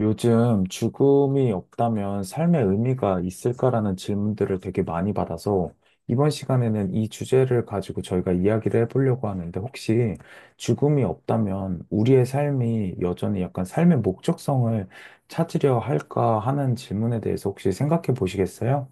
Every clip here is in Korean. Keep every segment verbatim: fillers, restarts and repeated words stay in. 요즘 죽음이 없다면 삶의 의미가 있을까라는 질문들을 되게 많이 받아서 이번 시간에는 이 주제를 가지고 저희가 이야기를 해보려고 하는데, 혹시 죽음이 없다면 우리의 삶이 여전히 약간 삶의 목적성을 찾으려 할까 하는 질문에 대해서 혹시 생각해 보시겠어요?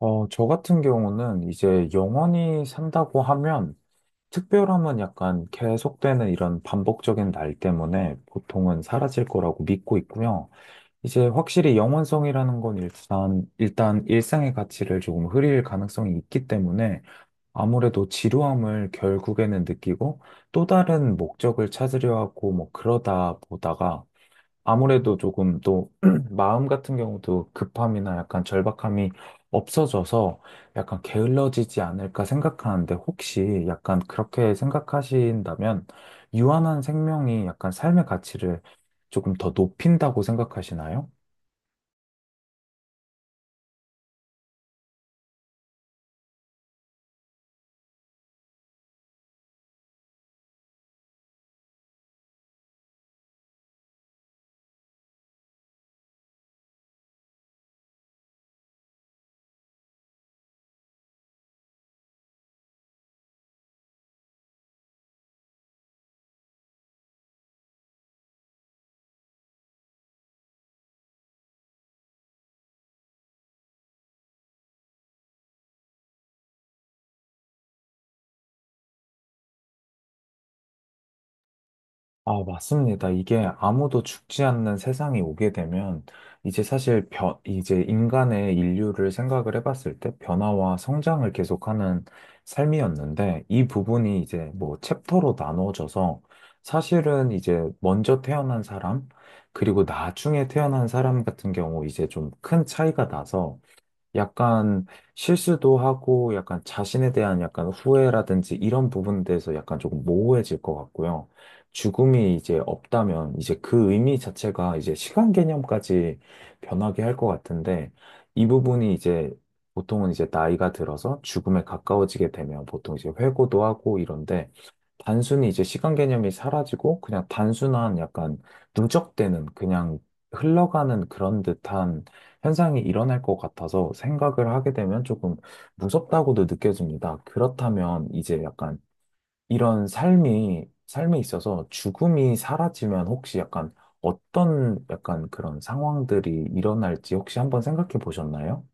어, 저 같은 경우는 이제 영원히 산다고 하면 특별함은 약간 계속되는 이런 반복적인 날 때문에 보통은 사라질 거라고 믿고 있고요. 이제 확실히 영원성이라는 건 일단, 일단 일상의 가치를 조금 흐릴 가능성이 있기 때문에 아무래도 지루함을 결국에는 느끼고 또 다른 목적을 찾으려 하고, 뭐 그러다 보다가 아무래도 조금 또 마음 같은 경우도 급함이나 약간 절박함이 없어져서 약간 게을러지지 않을까 생각하는데, 혹시 약간 그렇게 생각하신다면 유한한 생명이 약간 삶의 가치를 조금 더 높인다고 생각하시나요? 아, 맞습니다. 이게 아무도 죽지 않는 세상이 오게 되면 이제 사실 변, 이제 인간의 인류를 생각을 해봤을 때 변화와 성장을 계속하는 삶이었는데, 이 부분이 이제 뭐 챕터로 나누어져서 사실은 이제 먼저 태어난 사람 그리고 나중에 태어난 사람 같은 경우 이제 좀 큰 차이가 나서 약간 실수도 하고 약간 자신에 대한 약간 후회라든지 이런 부분에 대해서 약간 조금 모호해질 것 같고요. 죽음이 이제 없다면 이제 그 의미 자체가 이제 시간 개념까지 변하게 할 것 같은데, 이 부분이 이제 보통은 이제 나이가 들어서 죽음에 가까워지게 되면 보통 이제 회고도 하고 이런데, 단순히 이제 시간 개념이 사라지고 그냥 단순한 약간 누적되는 그냥 흘러가는 그런 듯한 현상이 일어날 것 같아서 생각을 하게 되면 조금 무섭다고도 느껴집니다. 그렇다면 이제 약간 이런 삶이, 삶에 있어서 죽음이 사라지면 혹시 약간 어떤 약간 그런 상황들이 일어날지 혹시 한번 생각해 보셨나요?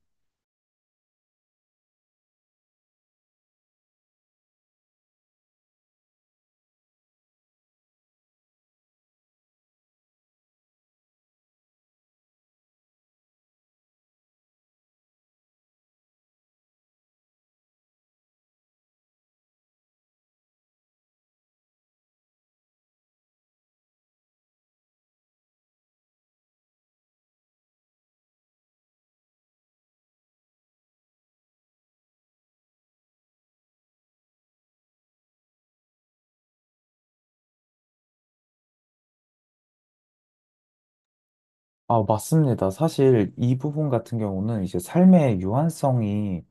아, 맞습니다. 사실 이 부분 같은 경우는 이제 삶의 유한성이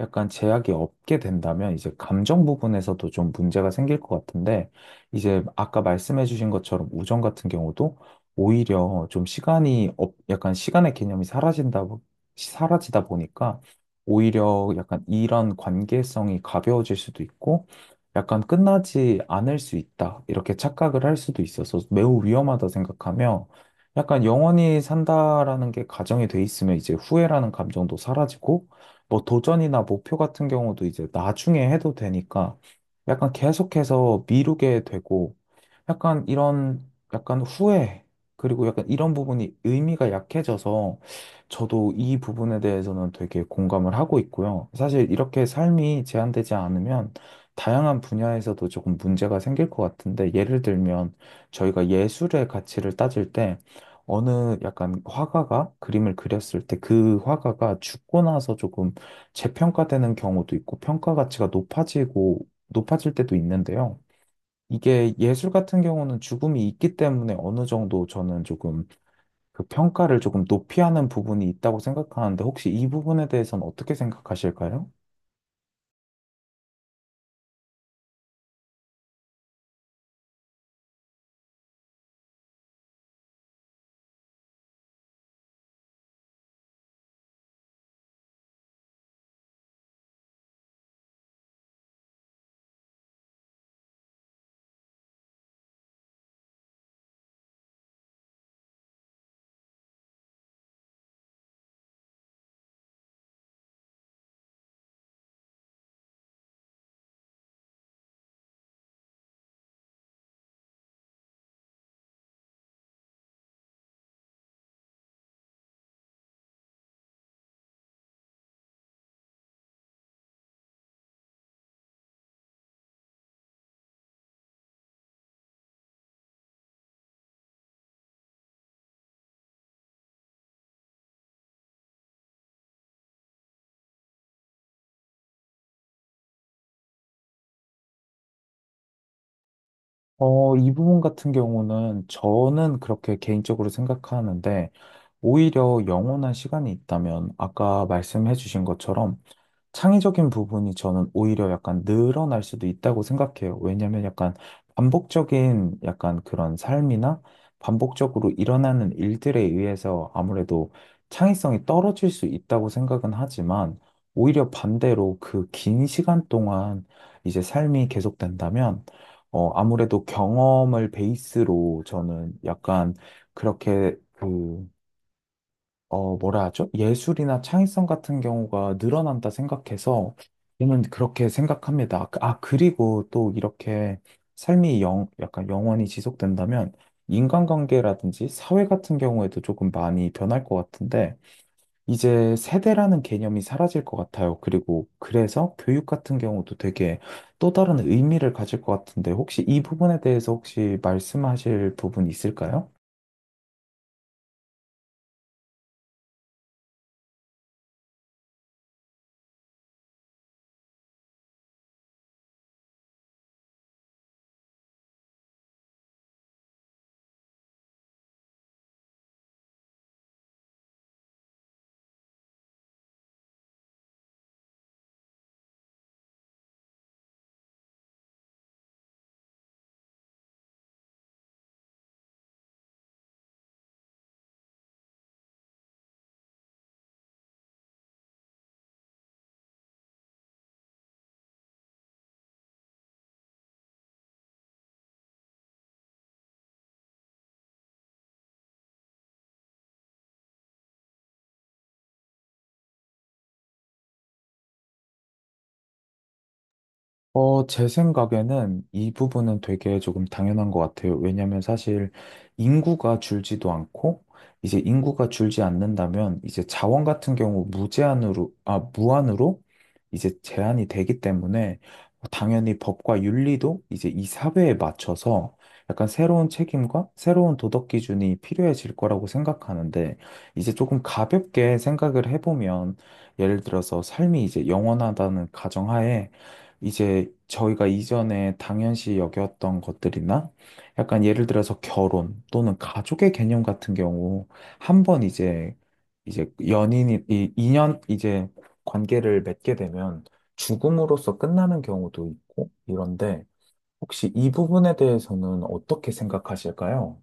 약간 제약이 없게 된다면 이제 감정 부분에서도 좀 문제가 생길 것 같은데, 이제 아까 말씀해 주신 것처럼 우정 같은 경우도 오히려 좀 시간이 없, 약간 시간의 개념이 사라진다, 보- 사라지다 보니까 오히려 약간 이런 관계성이 가벼워질 수도 있고 약간 끝나지 않을 수 있다. 이렇게 착각을 할 수도 있어서 매우 위험하다 생각하며, 약간 영원히 산다라는 게 가정이 돼 있으면 이제 후회라는 감정도 사라지고 뭐 도전이나 목표 같은 경우도 이제 나중에 해도 되니까 약간 계속해서 미루게 되고 약간 이런 약간 후회 그리고 약간 이런 부분이 의미가 약해져서 저도 이 부분에 대해서는 되게 공감을 하고 있고요. 사실 이렇게 삶이 제한되지 않으면 다양한 분야에서도 조금 문제가 생길 것 같은데, 예를 들면 저희가 예술의 가치를 따질 때 어느 약간 화가가 그림을 그렸을 때 그 화가가 죽고 나서 조금 재평가되는 경우도 있고 평가 가치가 높아지고 높아질 때도 있는데요. 이게 예술 같은 경우는 죽음이 있기 때문에 어느 정도 저는 조금 그 평가를 조금 높이 하는 부분이 있다고 생각하는데, 혹시 이 부분에 대해서는 어떻게 생각하실까요? 어, 이 부분 같은 경우는 저는 그렇게 개인적으로 생각하는데, 오히려 영원한 시간이 있다면 아까 말씀해 주신 것처럼 창의적인 부분이 저는 오히려 약간 늘어날 수도 있다고 생각해요. 왜냐면 약간 반복적인 약간 그런 삶이나 반복적으로 일어나는 일들에 의해서 아무래도 창의성이 떨어질 수 있다고 생각은 하지만, 오히려 반대로 그 긴 시간 동안 이제 삶이 계속된다면, 어, 아무래도 경험을 베이스로 저는 약간 그렇게 그 어, 뭐라 하죠? 예술이나 창의성 같은 경우가 늘어난다 생각해서 저는 그렇게 생각합니다. 아, 아, 그리고 또 이렇게 삶이 영, 약간 영원히 지속된다면 인간관계라든지 사회 같은 경우에도 조금 많이 변할 것 같은데, 이제 세대라는 개념이 사라질 것 같아요. 그리고 그래서 교육 같은 경우도 되게 또 다른 의미를 가질 것 같은데, 혹시 이 부분에 대해서 혹시 말씀하실 부분 있을까요? 어, 제 생각에는 이 부분은 되게 조금 당연한 것 같아요. 왜냐면 사실 인구가 줄지도 않고, 이제 인구가 줄지 않는다면, 이제 자원 같은 경우 무제한으로, 아, 무한으로 이제 제한이 되기 때문에, 당연히 법과 윤리도 이제 이 사회에 맞춰서 약간 새로운 책임과 새로운 도덕 기준이 필요해질 거라고 생각하는데, 이제 조금 가볍게 생각을 해보면, 예를 들어서 삶이 이제 영원하다는 가정하에 이제 저희가 이전에 당연시 여겼던 것들이나 약간 예를 들어서 결혼 또는 가족의 개념 같은 경우, 한 번 이제 이제 연인이 이 인연 이제 관계를 맺게 되면 죽음으로써 끝나는 경우도 있고 이런데, 혹시 이 부분에 대해서는 어떻게 생각하실까요?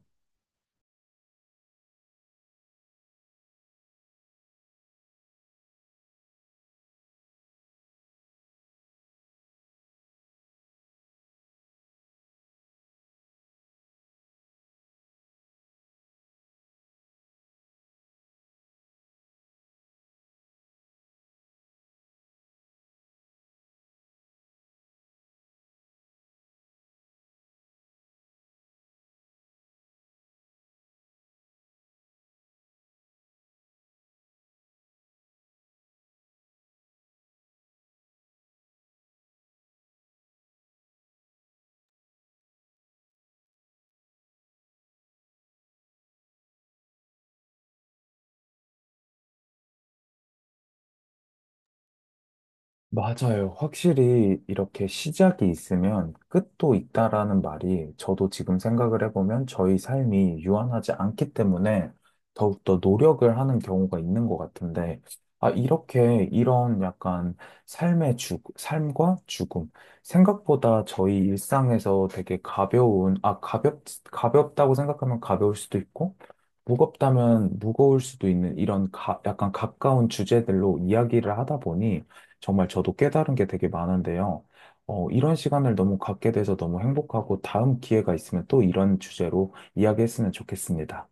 맞아요. 확실히 이렇게 시작이 있으면 끝도 있다라는 말이, 저도 지금 생각을 해보면 저희 삶이 유한하지 않기 때문에 더욱더 노력을 하는 경우가 있는 것 같은데, 아, 이렇게 이런 약간 삶의 죽, 삶과 죽음. 생각보다 저희 일상에서 되게 가벼운, 아, 가볍, 가볍다고 생각하면 가벼울 수도 있고, 무겁다면 무거울 수도 있는 이런 가, 약간 가까운 주제들로 이야기를 하다 보니, 정말 저도 깨달은 게 되게 많은데요. 어, 이런 시간을 너무 갖게 돼서 너무 행복하고, 다음 기회가 있으면 또 이런 주제로 이야기했으면 좋겠습니다.